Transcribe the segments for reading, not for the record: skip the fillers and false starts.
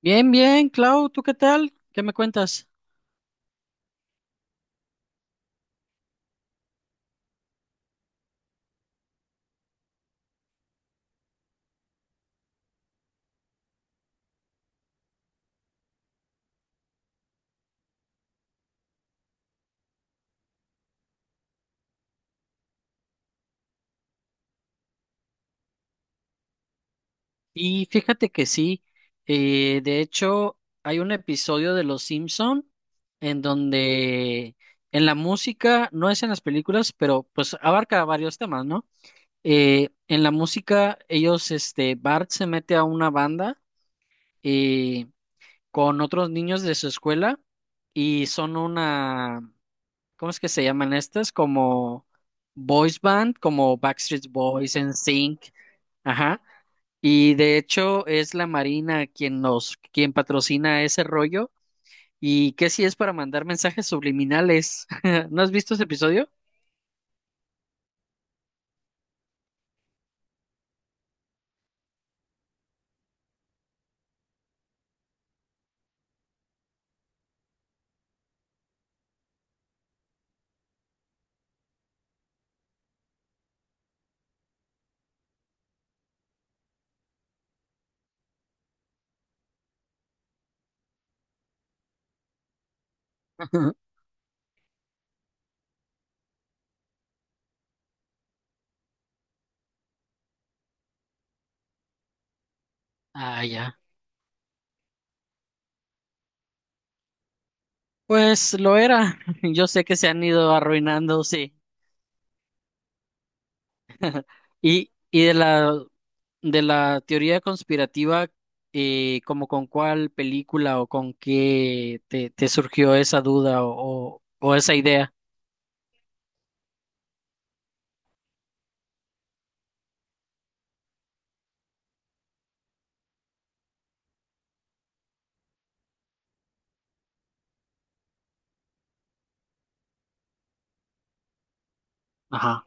Bien, bien, Clau, ¿tú qué tal? ¿Qué me cuentas? Y fíjate que sí, de hecho hay un episodio de Los Simpson en donde en la música, no es en las películas, pero pues abarca varios temas, ¿no? En la música ellos, Bart se mete a una banda eh, con otros niños de su escuela y son una, ¿cómo es que se llaman estas? Como boys band, como Backstreet Boys, sync. Ajá. Y de hecho es la Marina quien patrocina ese rollo. ¿Y qué si es para mandar mensajes subliminales? ¿No has visto ese episodio? Ah, ya. Pues lo era. Yo sé que se han ido arruinando, sí. Y de la teoría conspirativa, como con cuál película o con qué te surgió esa duda o esa idea. Ajá.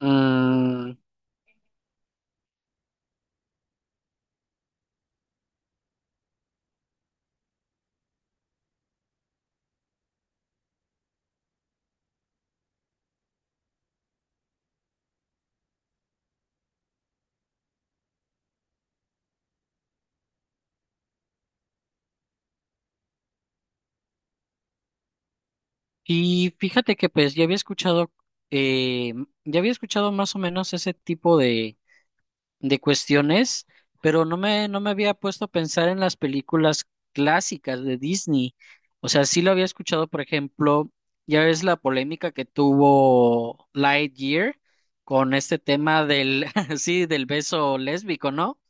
Mm, y fíjate que pues eh, ya había escuchado más o menos ese tipo de cuestiones, pero no me había puesto a pensar en las películas clásicas de Disney. O sea, sí lo había escuchado, por ejemplo, ya ves la polémica que tuvo Lightyear con este tema sí, del beso lésbico, ¿no?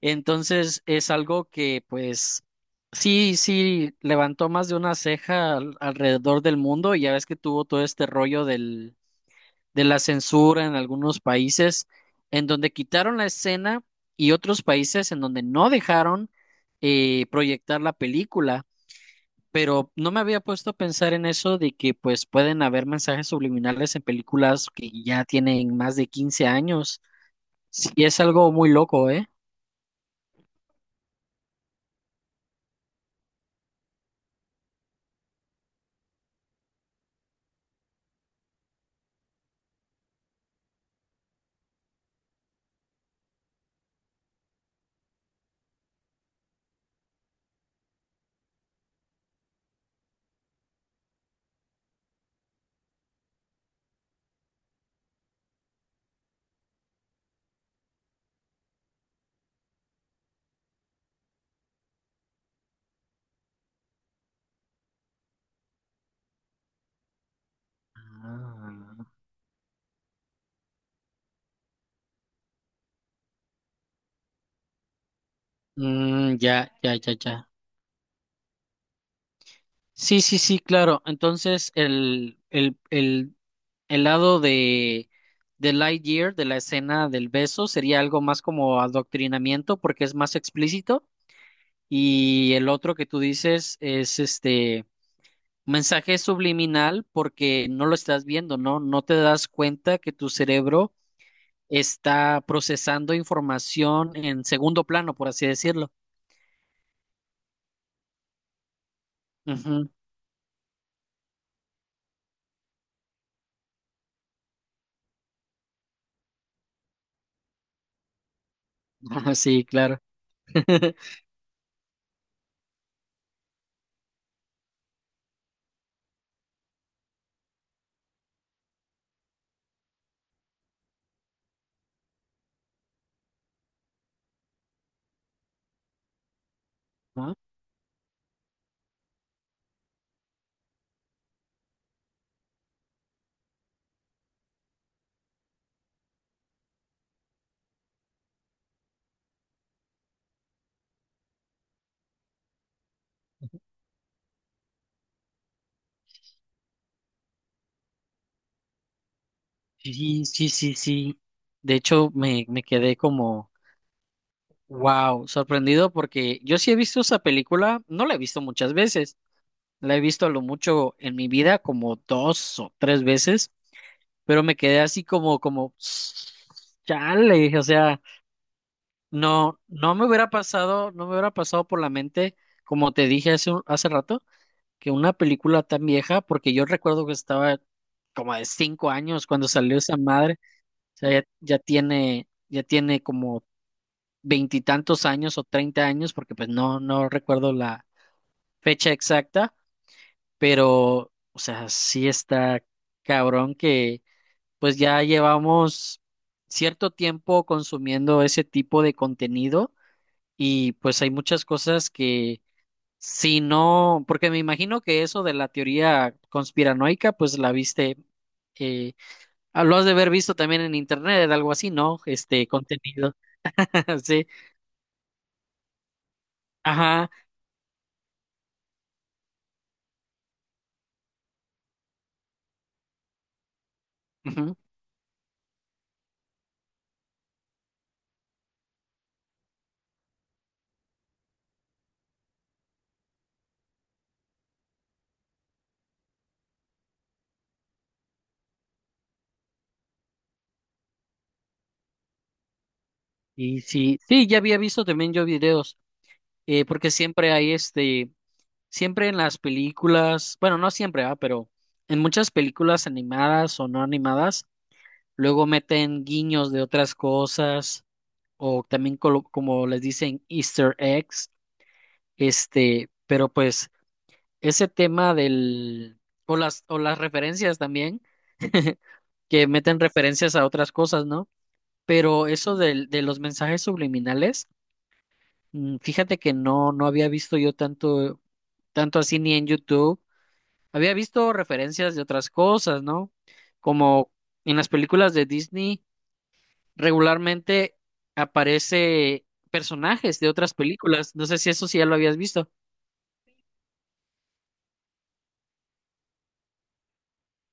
Entonces es algo que, pues, sí, sí, levantó más de una ceja alrededor del mundo y ya ves que tuvo todo este rollo del de la censura en algunos países, en donde quitaron la escena y otros países en donde no dejaron proyectar la película. Pero no me había puesto a pensar en eso de que pues pueden haber mensajes subliminales en películas que ya tienen más de 15 años. Sí, es algo muy loco, ¿eh? Ah. Mm, ya, ya, ya, ya. Sí, sí, sí, claro. Entonces, el lado de Lightyear, de la escena del beso, sería algo más como adoctrinamiento porque es más explícito. Y el otro que tú dices es este mensaje subliminal porque no lo estás viendo, ¿no? No te das cuenta que tu cerebro está procesando información en segundo plano, por así decirlo. Ujú. Sí, claro. Ah, sí, sí, sí, sí. De hecho, me quedé como... Wow, sorprendido porque yo sí he visto esa película, no la he visto muchas veces, la he visto a lo mucho en mi vida como dos o tres veces, pero me quedé así chale, o sea, no, no me hubiera pasado por la mente, como te dije hace rato, que una película tan vieja, porque yo recuerdo que estaba como de 5 años cuando salió esa madre, o sea, ya tiene como veintitantos años o 30 años, porque pues no, no recuerdo la fecha exacta, pero, o sea, sí está cabrón que pues ya llevamos cierto tiempo consumiendo ese tipo de contenido y pues hay muchas cosas que si no, porque me imagino que eso de la teoría conspiranoica, pues la viste. Eh, lo has de haber visto también en internet, algo así, ¿no? Este contenido, sí, ajá, ujú. Y sí, sí, ya había visto también yo videos, porque siempre hay siempre en las películas, bueno, no siempre, pero en muchas películas animadas o no animadas, luego meten guiños de otras cosas, o también como les dicen Easter eggs, pero pues ese tema o las referencias también, que meten referencias a otras cosas, ¿no? Pero eso del, de los mensajes subliminales. Fíjate que no, no había visto yo tanto así ni en YouTube. Había visto referencias de otras cosas, ¿no? Como en las películas de Disney regularmente aparece personajes de otras películas. No sé si eso sí ya lo habías visto.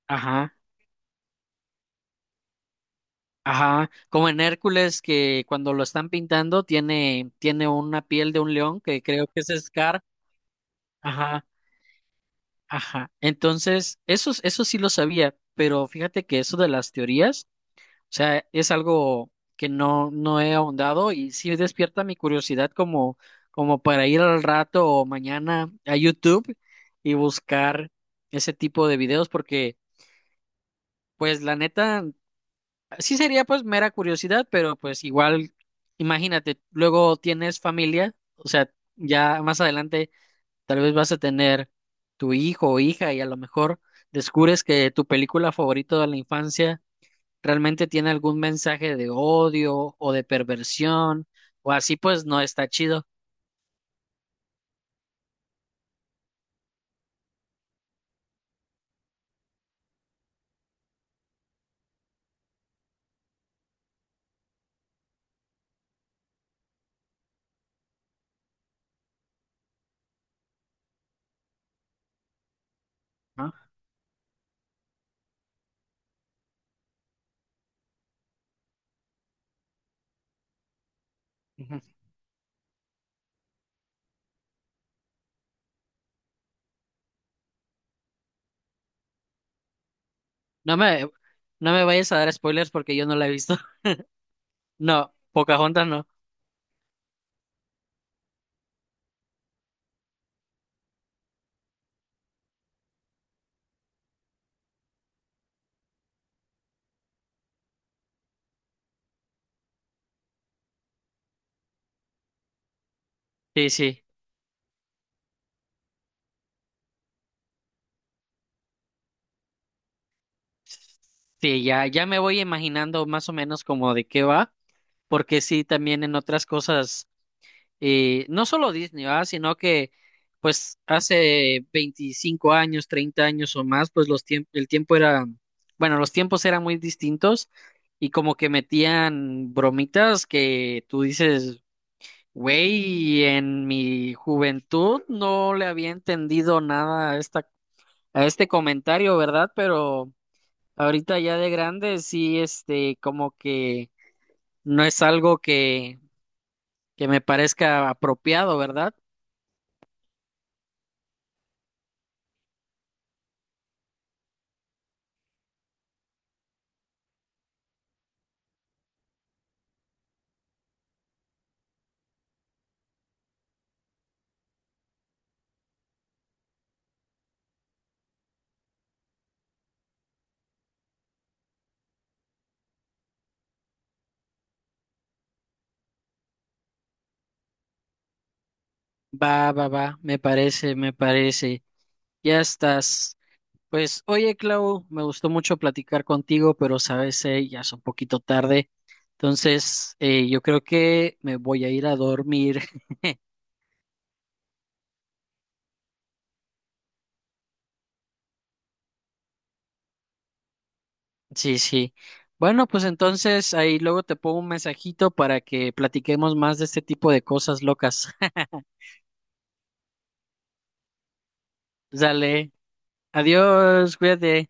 Ajá, ajá. Como en Hércules que cuando lo están pintando tiene una piel de un león que creo que es Scar. Ajá, ajá. Entonces, eso sí lo sabía, pero fíjate que eso de las teorías. Sea, es algo que no, no he ahondado y sí despierta mi curiosidad como, para ir al rato o mañana a YouTube y buscar ese tipo de videos porque, pues, la neta, sí sería pues mera curiosidad, pero pues igual, imagínate, luego tienes familia, o sea, ya más adelante tal vez vas a tener tu hijo o hija y a lo mejor descubres que tu película favorita de la infancia realmente tiene algún mensaje de odio o de perversión o así, pues no está chido, ¿no? Ujú. No me, no me vayas a dar spoilers porque yo no la he visto. No, Pocahontas no. Sí, sí. Sí, ya, ya me voy imaginando más o menos como de qué va, porque sí, también en otras cosas. Y no solo Disney, ¿verdad? Sino que pues hace 25 años, 30 años o más, pues los tiempos, el tiempo era, bueno, los tiempos eran muy distintos y como que metían bromitas que tú dices, güey, en mi juventud no le había entendido nada a este comentario, ¿verdad? Pero ahorita ya de grande sí, como que no es algo que me parezca apropiado, ¿verdad? Va, va, va, me parece, me parece. Ya estás. Pues, oye, Clau, me gustó mucho platicar contigo, pero sabes, ya es un poquito tarde. Entonces, yo creo que me voy a ir a dormir. Sí, sí. Bueno, pues entonces ahí luego te pongo un mensajito para que platiquemos más de este tipo de cosas locas. Dale, adiós, cuídate.